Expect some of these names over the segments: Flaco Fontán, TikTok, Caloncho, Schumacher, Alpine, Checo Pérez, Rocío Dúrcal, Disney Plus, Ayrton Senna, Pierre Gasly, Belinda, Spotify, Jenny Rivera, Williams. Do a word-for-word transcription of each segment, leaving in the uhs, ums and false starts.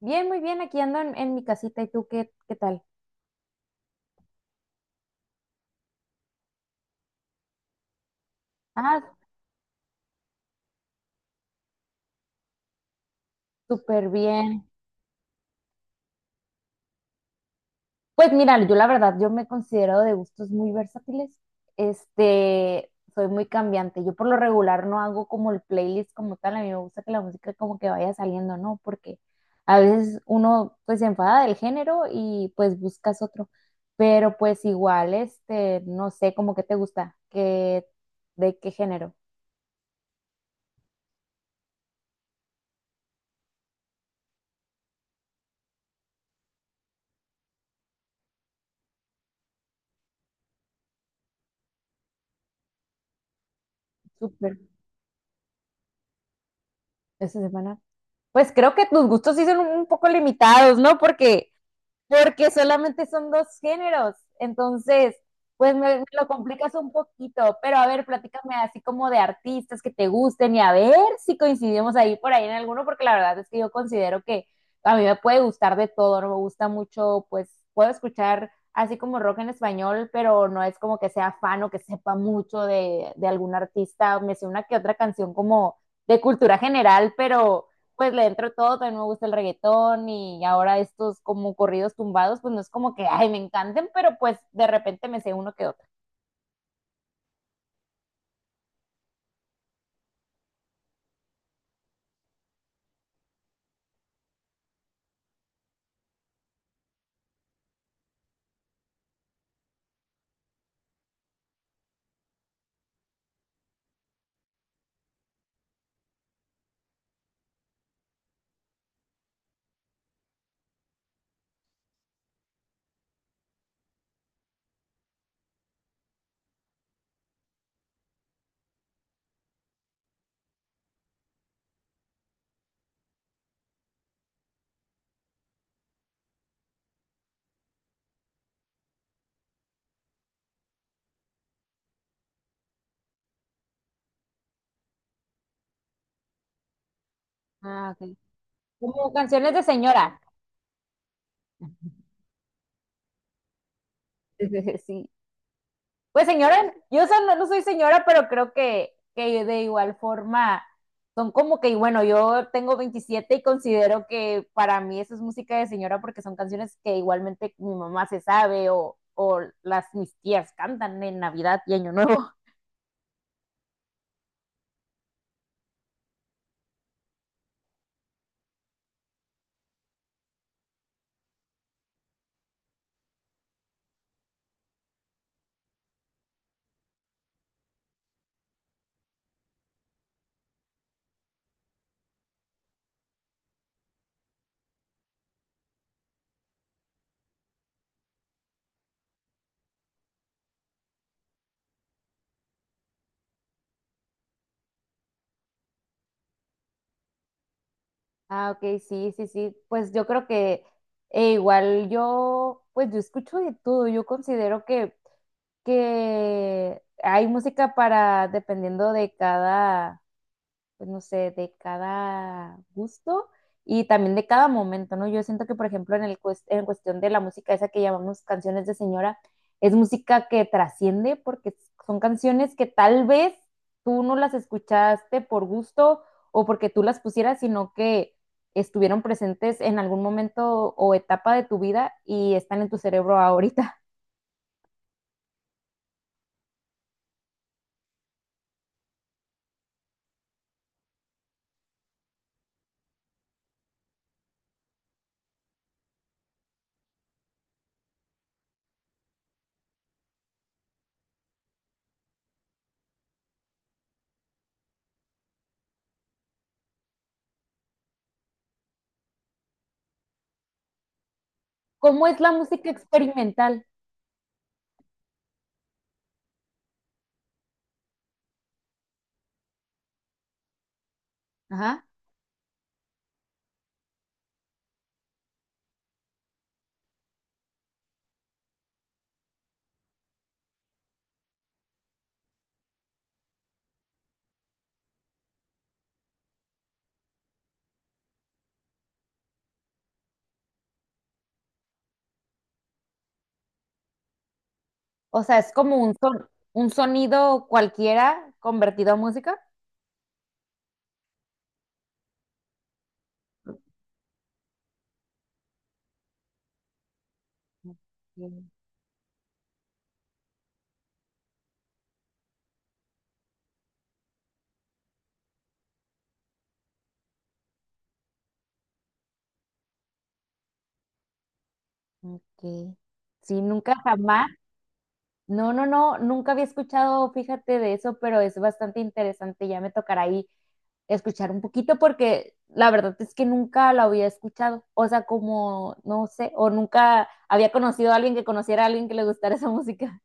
Bien, muy bien, aquí ando en, en mi casita. ¿Y tú qué, qué tal? Ah, súper bien. Pues mira, yo la verdad, yo me considero de gustos muy versátiles. Este, soy muy cambiante. Yo por lo regular no hago como el playlist como tal. A mí me gusta que la música como que vaya saliendo, ¿no? Porque a veces uno pues se enfada del género y pues buscas otro. Pero pues igual, este, no sé, como que te gusta, que, de qué género. Súper. Esa semana. Pues creo que tus gustos sí son un poco limitados, ¿no? Porque, porque solamente son dos géneros. Entonces, pues me, me lo complicas un poquito. Pero a ver, platícame así como de artistas que te gusten y a ver si coincidimos ahí por ahí en alguno, porque la verdad es que yo considero que a mí me puede gustar de todo, no me gusta mucho, pues puedo escuchar así como rock en español, pero no es como que sea fan o que sepa mucho de, de algún artista. Me sé una que otra canción como de cultura general, pero pues le entro todo, también me gusta el reggaetón y ahora estos como corridos tumbados, pues no es como que, ay, me encanten, pero pues de repente me sé uno que otro. Ah, ok. Como canciones de señora. Sí. Pues señora, yo o sea, no, no soy señora, pero creo que, que de igual forma son como que, y bueno, yo tengo veintisiete y considero que para mí eso es música de señora porque son canciones que igualmente mi mamá se sabe o, o las mis tías cantan en Navidad y Año Nuevo. Ah, ok, sí, sí, sí. Pues yo creo que eh, igual yo, pues yo escucho de todo. Yo considero que, que hay música para, dependiendo de cada pues no sé, de cada gusto y también de cada momento, ¿no? Yo siento que, por ejemplo, en, el cues- en cuestión de la música esa que llamamos canciones de señora, es música que trasciende porque son canciones que tal vez tú no las escuchaste por gusto o porque tú las pusieras, sino que estuvieron presentes en algún momento o etapa de tu vida y están en tu cerebro ahorita. ¿Cómo es la música experimental? Ajá. O sea, es como un son- un sonido cualquiera convertido a música. Mm, Ok. Sí, nunca jamás. No, no, no, nunca había escuchado, fíjate de eso, pero es bastante interesante. Ya me tocará ahí escuchar un poquito porque la verdad es que nunca lo había escuchado. O sea, como, no sé, o nunca había conocido a alguien que conociera a alguien que le gustara esa música.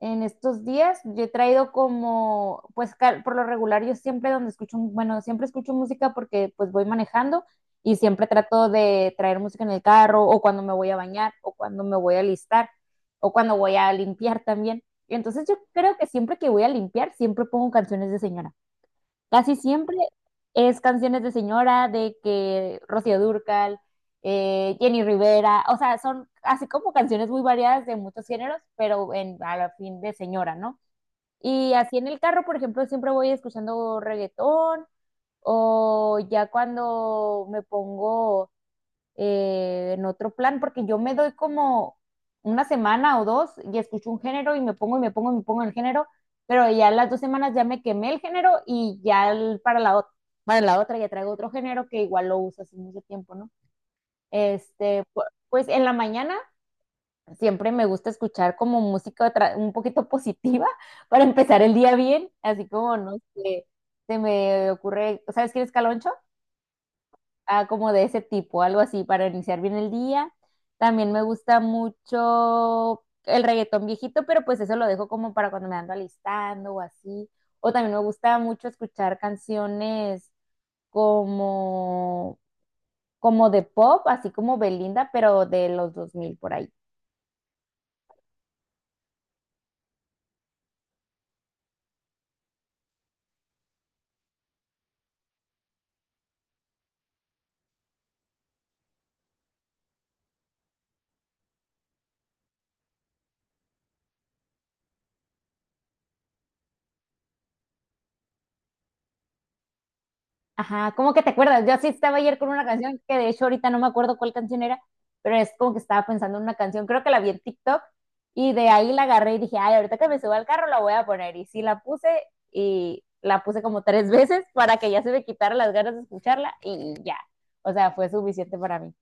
En estos días yo he traído como, pues por lo regular yo siempre donde escucho, bueno, siempre escucho música porque pues voy manejando y siempre trato de traer música en el carro o cuando me voy a bañar o cuando me voy a alistar o cuando voy a limpiar también. Entonces yo creo que siempre que voy a limpiar siempre pongo canciones de señora. Casi siempre es canciones de señora, de que Rocío Dúrcal, eh, Jenny Rivera, o sea, son así como canciones muy variadas de muchos géneros, pero en, a la fin de señora, ¿no? Y así en el carro, por ejemplo, siempre voy escuchando reggaetón o ya cuando me pongo eh, en otro plan, porque yo me doy como una semana o dos y escucho un género y me pongo y me pongo y me pongo en el género, pero ya las dos semanas ya me quemé el género y ya el- para la, otra para la otra ya traigo otro género que igual lo uso hace mucho tiempo, ¿no? Este, pu- pues en la mañana siempre me gusta escuchar como música tra- un poquito positiva para empezar el día bien, así como, no sé, se me ocurre, ¿sabes quién es Caloncho? Ah, como de ese tipo, algo así, para iniciar bien el día. También me gusta mucho el reggaetón viejito, pero pues eso lo dejo como para cuando me ando alistando o así. O también me gusta mucho escuchar canciones como, como de pop, así como Belinda, pero de los dos mil por ahí. Ajá, ¿cómo que te acuerdas? Yo así estaba ayer con una canción que de hecho ahorita no me acuerdo cuál canción era, pero es como que estaba pensando en una canción, creo que la vi en TikTok y de ahí la agarré y dije, ay, ahorita que me suba al carro la voy a poner. Y sí la puse y la puse como tres veces para que ya se me quitaran las ganas de escucharla y ya, o sea, fue suficiente para mí.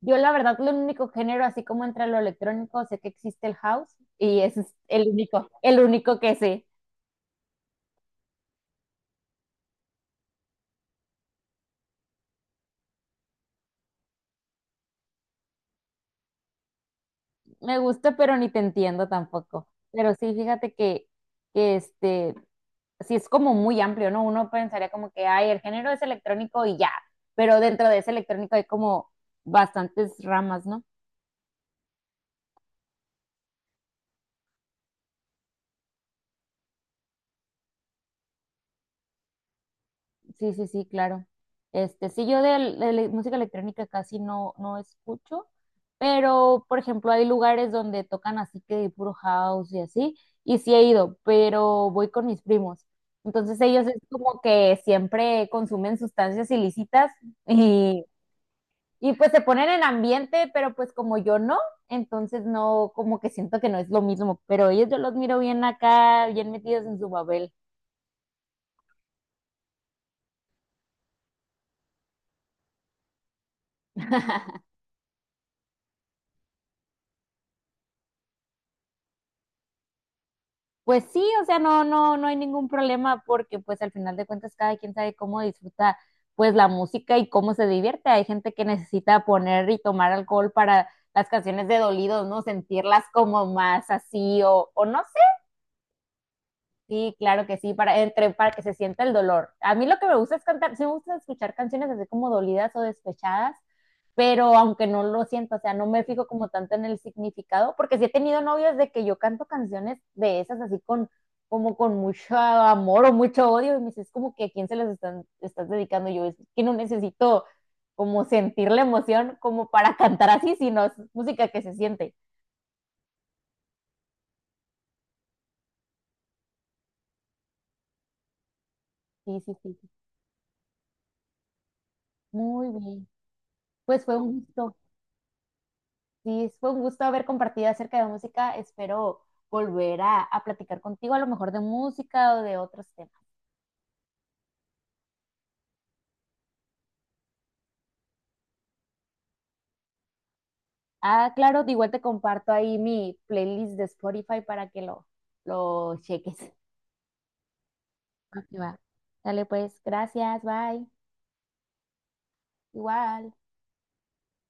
Yo la verdad, lo único género, así como entre lo electrónico, sé que existe el house y ese es el único, el único que sé. Me gusta, pero ni te entiendo tampoco. Pero sí, fíjate que, que este, sí es como muy amplio, ¿no? Uno pensaría como que, ay, el género es electrónico y ya, pero dentro de ese electrónico hay como bastantes ramas, ¿no? Sí, sí, sí, claro. Este, sí, yo de, de le- música electrónica casi no, no escucho, pero por ejemplo hay lugares donde tocan así que puro house y así, y sí he ido, pero voy con mis primos. Entonces ellos es como que siempre consumen sustancias ilícitas y, y pues se ponen en ambiente, pero pues como yo no, entonces no, como que siento que no es lo mismo, pero ellos yo los miro bien acá, bien metidos en su babel. Pues sí, o sea, no, no, no hay ningún problema porque pues al final de cuentas cada quien sabe cómo disfruta pues la música y cómo se divierte. Hay gente que necesita poner y tomar alcohol para las canciones de dolidos, ¿no? Sentirlas como más así o, o no sé. Sí, claro que sí, para, entre, para que se sienta el dolor. A mí lo que me gusta es cantar, sí me gusta escuchar canciones así como dolidas o despechadas, pero aunque no lo siento, o sea, no me fijo como tanto en el significado, porque sí he tenido novias de que yo canto canciones de esas así con, como con mucho amor o mucho odio, y me dices como que a quién se las están, estás dedicando yo, es que no necesito como sentir la emoción como para cantar así, sino es música que se siente. Sí, sí, sí, sí, muy bien. Pues fue un gusto. Sí, fue un gusto haber compartido acerca de música. Espero volver a, a platicar contigo, a lo mejor de música o de otros temas. Ah, claro, de igual te comparto ahí mi playlist de Spotify para que lo, lo cheques. Ok, va. Dale pues, gracias, bye. Igual.